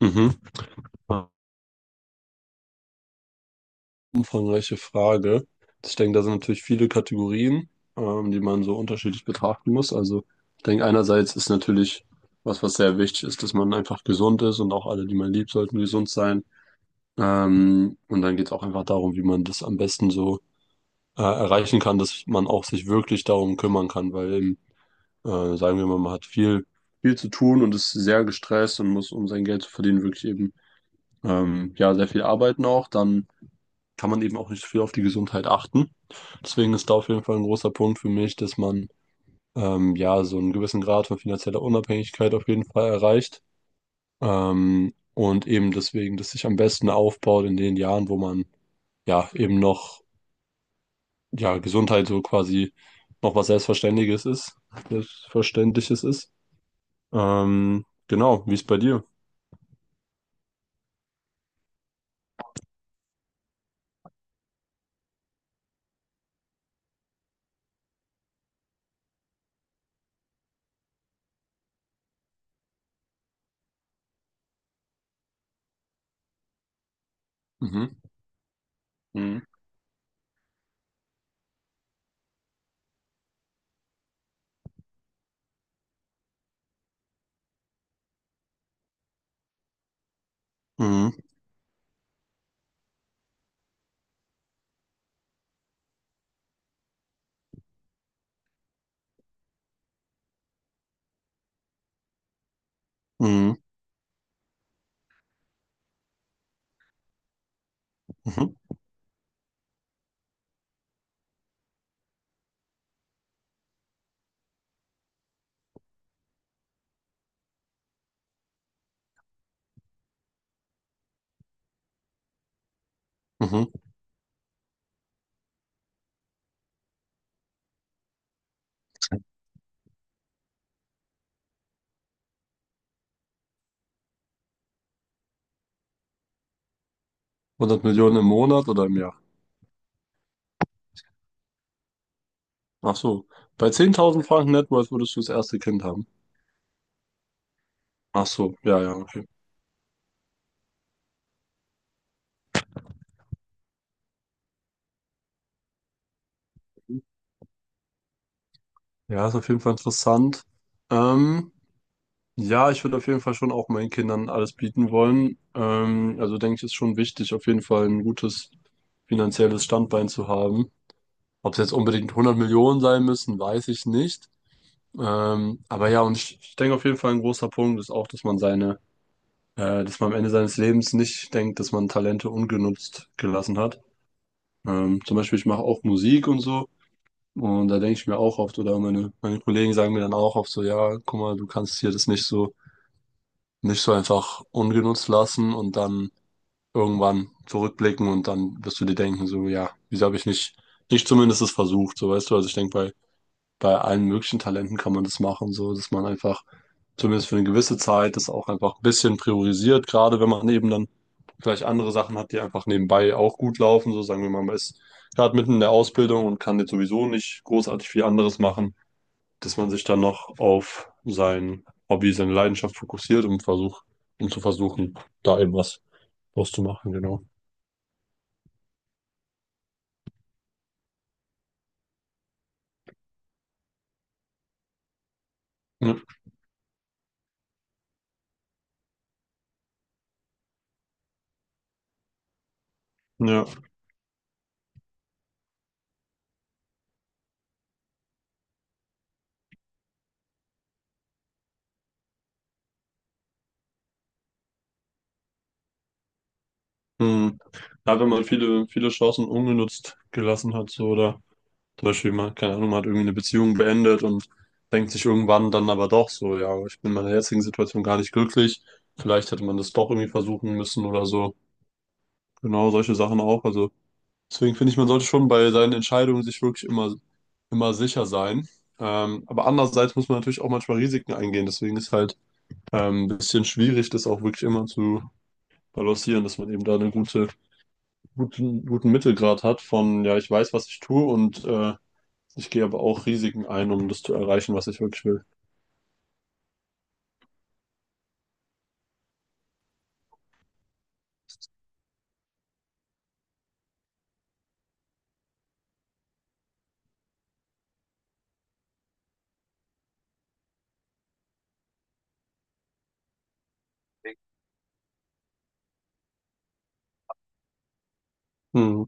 Mhm. Umfangreiche Frage. Ich denke, da sind natürlich viele Kategorien, die man so unterschiedlich betrachten muss. Also ich denke, einerseits ist natürlich was sehr wichtig ist, dass man einfach gesund ist und auch alle, die man liebt, sollten gesund sein. Und dann geht es auch einfach darum, wie man das am besten so erreichen kann, dass man auch sich wirklich darum kümmern kann, weil eben, sagen wir mal, man hat viel zu tun und ist sehr gestresst und muss, um sein Geld zu verdienen, wirklich eben ja, sehr viel arbeiten auch. Dann kann man eben auch nicht viel auf die Gesundheit achten. Deswegen ist da auf jeden Fall ein großer Punkt für mich, dass man ja, so einen gewissen Grad von finanzieller Unabhängigkeit auf jeden Fall erreicht. Und eben deswegen, dass sich am besten aufbaut in den Jahren, wo man ja eben noch ja Gesundheit so quasi noch was Selbstverständliches ist. Genau, wie ist bei dir? Mhm. Mhm. Mhm. Mhm. Mhm. Mhm. 100 Millionen im Monat oder im Jahr? Ach so. Bei 10.000 Franken Net Worth würdest du das erste Kind haben. Ach so, ja, ja, okay. Ja, ist auf jeden Fall interessant. Ähm, ja, ich würde auf jeden Fall schon auch meinen Kindern alles bieten wollen. Also denke ich, ist schon wichtig, auf jeden Fall ein gutes finanzielles Standbein zu haben. Ob es jetzt unbedingt 100 Millionen sein müssen, weiß ich nicht. Aber ja, und ich denke auf jeden Fall ein großer Punkt ist auch, dass man seine, dass man am Ende seines Lebens nicht denkt, dass man Talente ungenutzt gelassen hat. Zum Beispiel, ich mache auch Musik und so. Und da denke ich mir auch oft, oder meine Kollegen sagen mir dann auch oft so, ja, guck mal, du kannst hier das nicht so, nicht so einfach ungenutzt lassen und dann irgendwann zurückblicken und dann wirst du dir denken, so, ja, wieso habe ich nicht, nicht zumindest es versucht, so weißt du, also ich denke, bei, bei allen möglichen Talenten kann man das machen, so, dass man einfach zumindest für eine gewisse Zeit das auch einfach ein bisschen priorisiert, gerade wenn man eben dann vielleicht andere Sachen hat, die einfach nebenbei auch gut laufen. So sagen wir mal, man ist gerade mitten in der Ausbildung und kann jetzt sowieso nicht großartig viel anderes machen, dass man sich dann noch auf sein Hobby, seine Leidenschaft fokussiert und versucht, um zu versuchen, da eben was draus zu machen, genau. Ja, ja. Hm. Ja, wenn man viele, viele Chancen ungenutzt gelassen hat, so oder zum Beispiel mal, keine Ahnung, man hat irgendwie eine Beziehung beendet und denkt sich irgendwann dann aber doch so, ja, ich bin in meiner jetzigen Situation gar nicht glücklich. Vielleicht hätte man das doch irgendwie versuchen müssen oder so. Genau, solche Sachen auch. Also deswegen finde ich, man sollte schon bei seinen Entscheidungen sich wirklich immer sicher sein. Aber andererseits muss man natürlich auch manchmal Risiken eingehen. Deswegen ist halt ein bisschen schwierig, das auch wirklich immer zu balancieren, dass man eben da einen guten Mittelgrad hat von, ja, ich weiß, was ich tue und ich gehe aber auch Risiken ein, um das zu erreichen, was ich wirklich will. Mhm.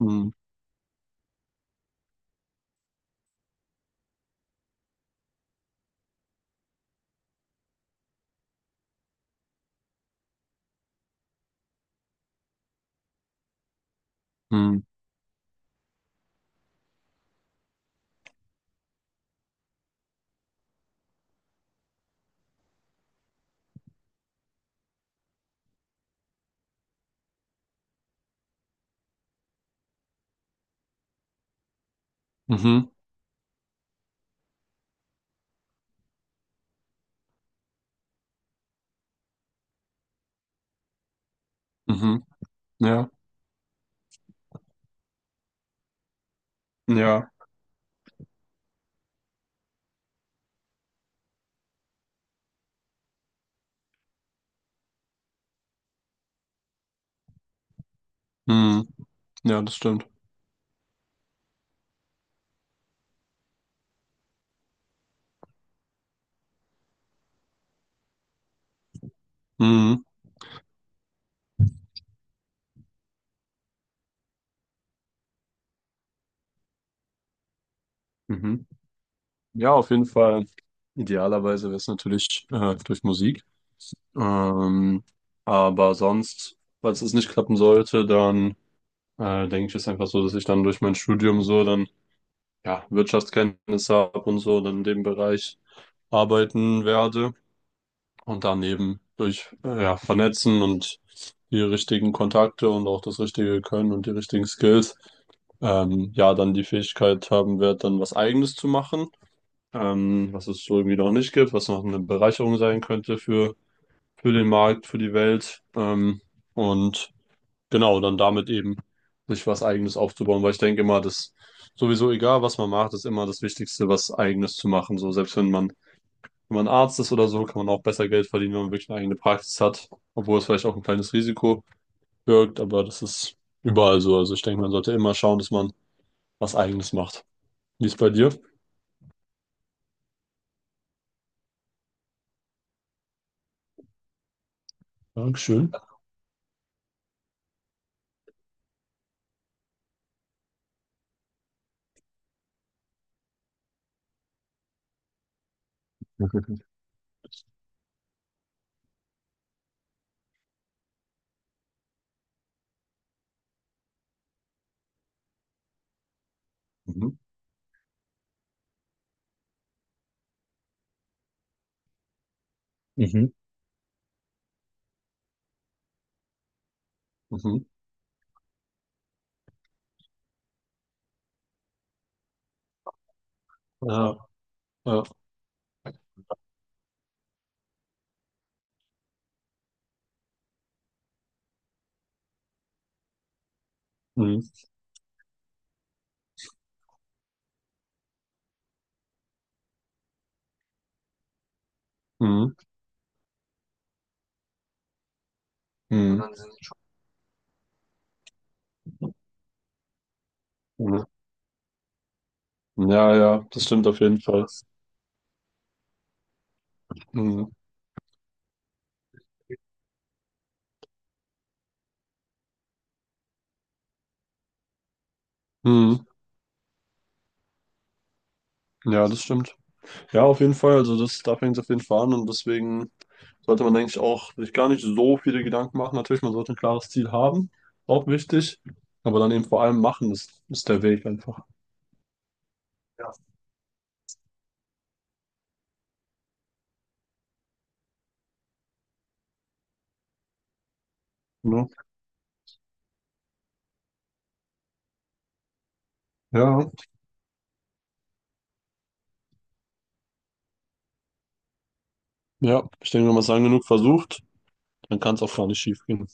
Mhm. Mhm. Mhm. Mhm. Ja. Ja. Mhm. Ja, das stimmt. Mhm. Mhm. Ja, auf jeden Fall. Idealerweise wäre es natürlich durch Musik. Ähm, aber sonst, falls es nicht klappen sollte, dann denke ich, ist einfach so, dass ich dann durch mein Studium so dann ja Wirtschaftskenntnisse habe und so dann in dem Bereich arbeiten werde. Und daneben durch ja, Vernetzen und die richtigen Kontakte und auch das richtige Können und die richtigen Skills, ja, dann die Fähigkeit haben wird, dann was Eigenes zu machen, was es so irgendwie noch nicht gibt, was noch eine Bereicherung sein könnte für den Markt, für die Welt. Und genau, dann damit eben sich was Eigenes aufzubauen, weil ich denke immer, dass sowieso egal, was man macht, ist immer das Wichtigste, was Eigenes zu machen. So, selbst wenn man wenn man Arzt ist oder so, kann man auch besser Geld verdienen, wenn man wirklich eine eigene Praxis hat. Obwohl es vielleicht auch ein kleines Risiko birgt, aber das ist überall so. Also ich denke, man sollte immer schauen, dass man was Eigenes macht. Wie ist bei dir? Dankeschön. Mhm. Mhm. Mhm. Ja, ja. Mhm. Mhm. Mhm. Mhm. Ja, ja, das stimmt auf jeden Fall. Mhm. Mhm. Ja, das stimmt. Ja, auf jeden Fall. Also das, da fängt es auf jeden Fall an und deswegen sollte man eigentlich auch sich gar nicht so viele Gedanken machen. Natürlich, man sollte ein klares Ziel haben, auch wichtig, aber dann eben vor allem machen, ist der Weg einfach. Ja. Ne? Ja, ja, ich denke, wenn man es lang genug versucht, dann kann es auch gar nicht schief gehen.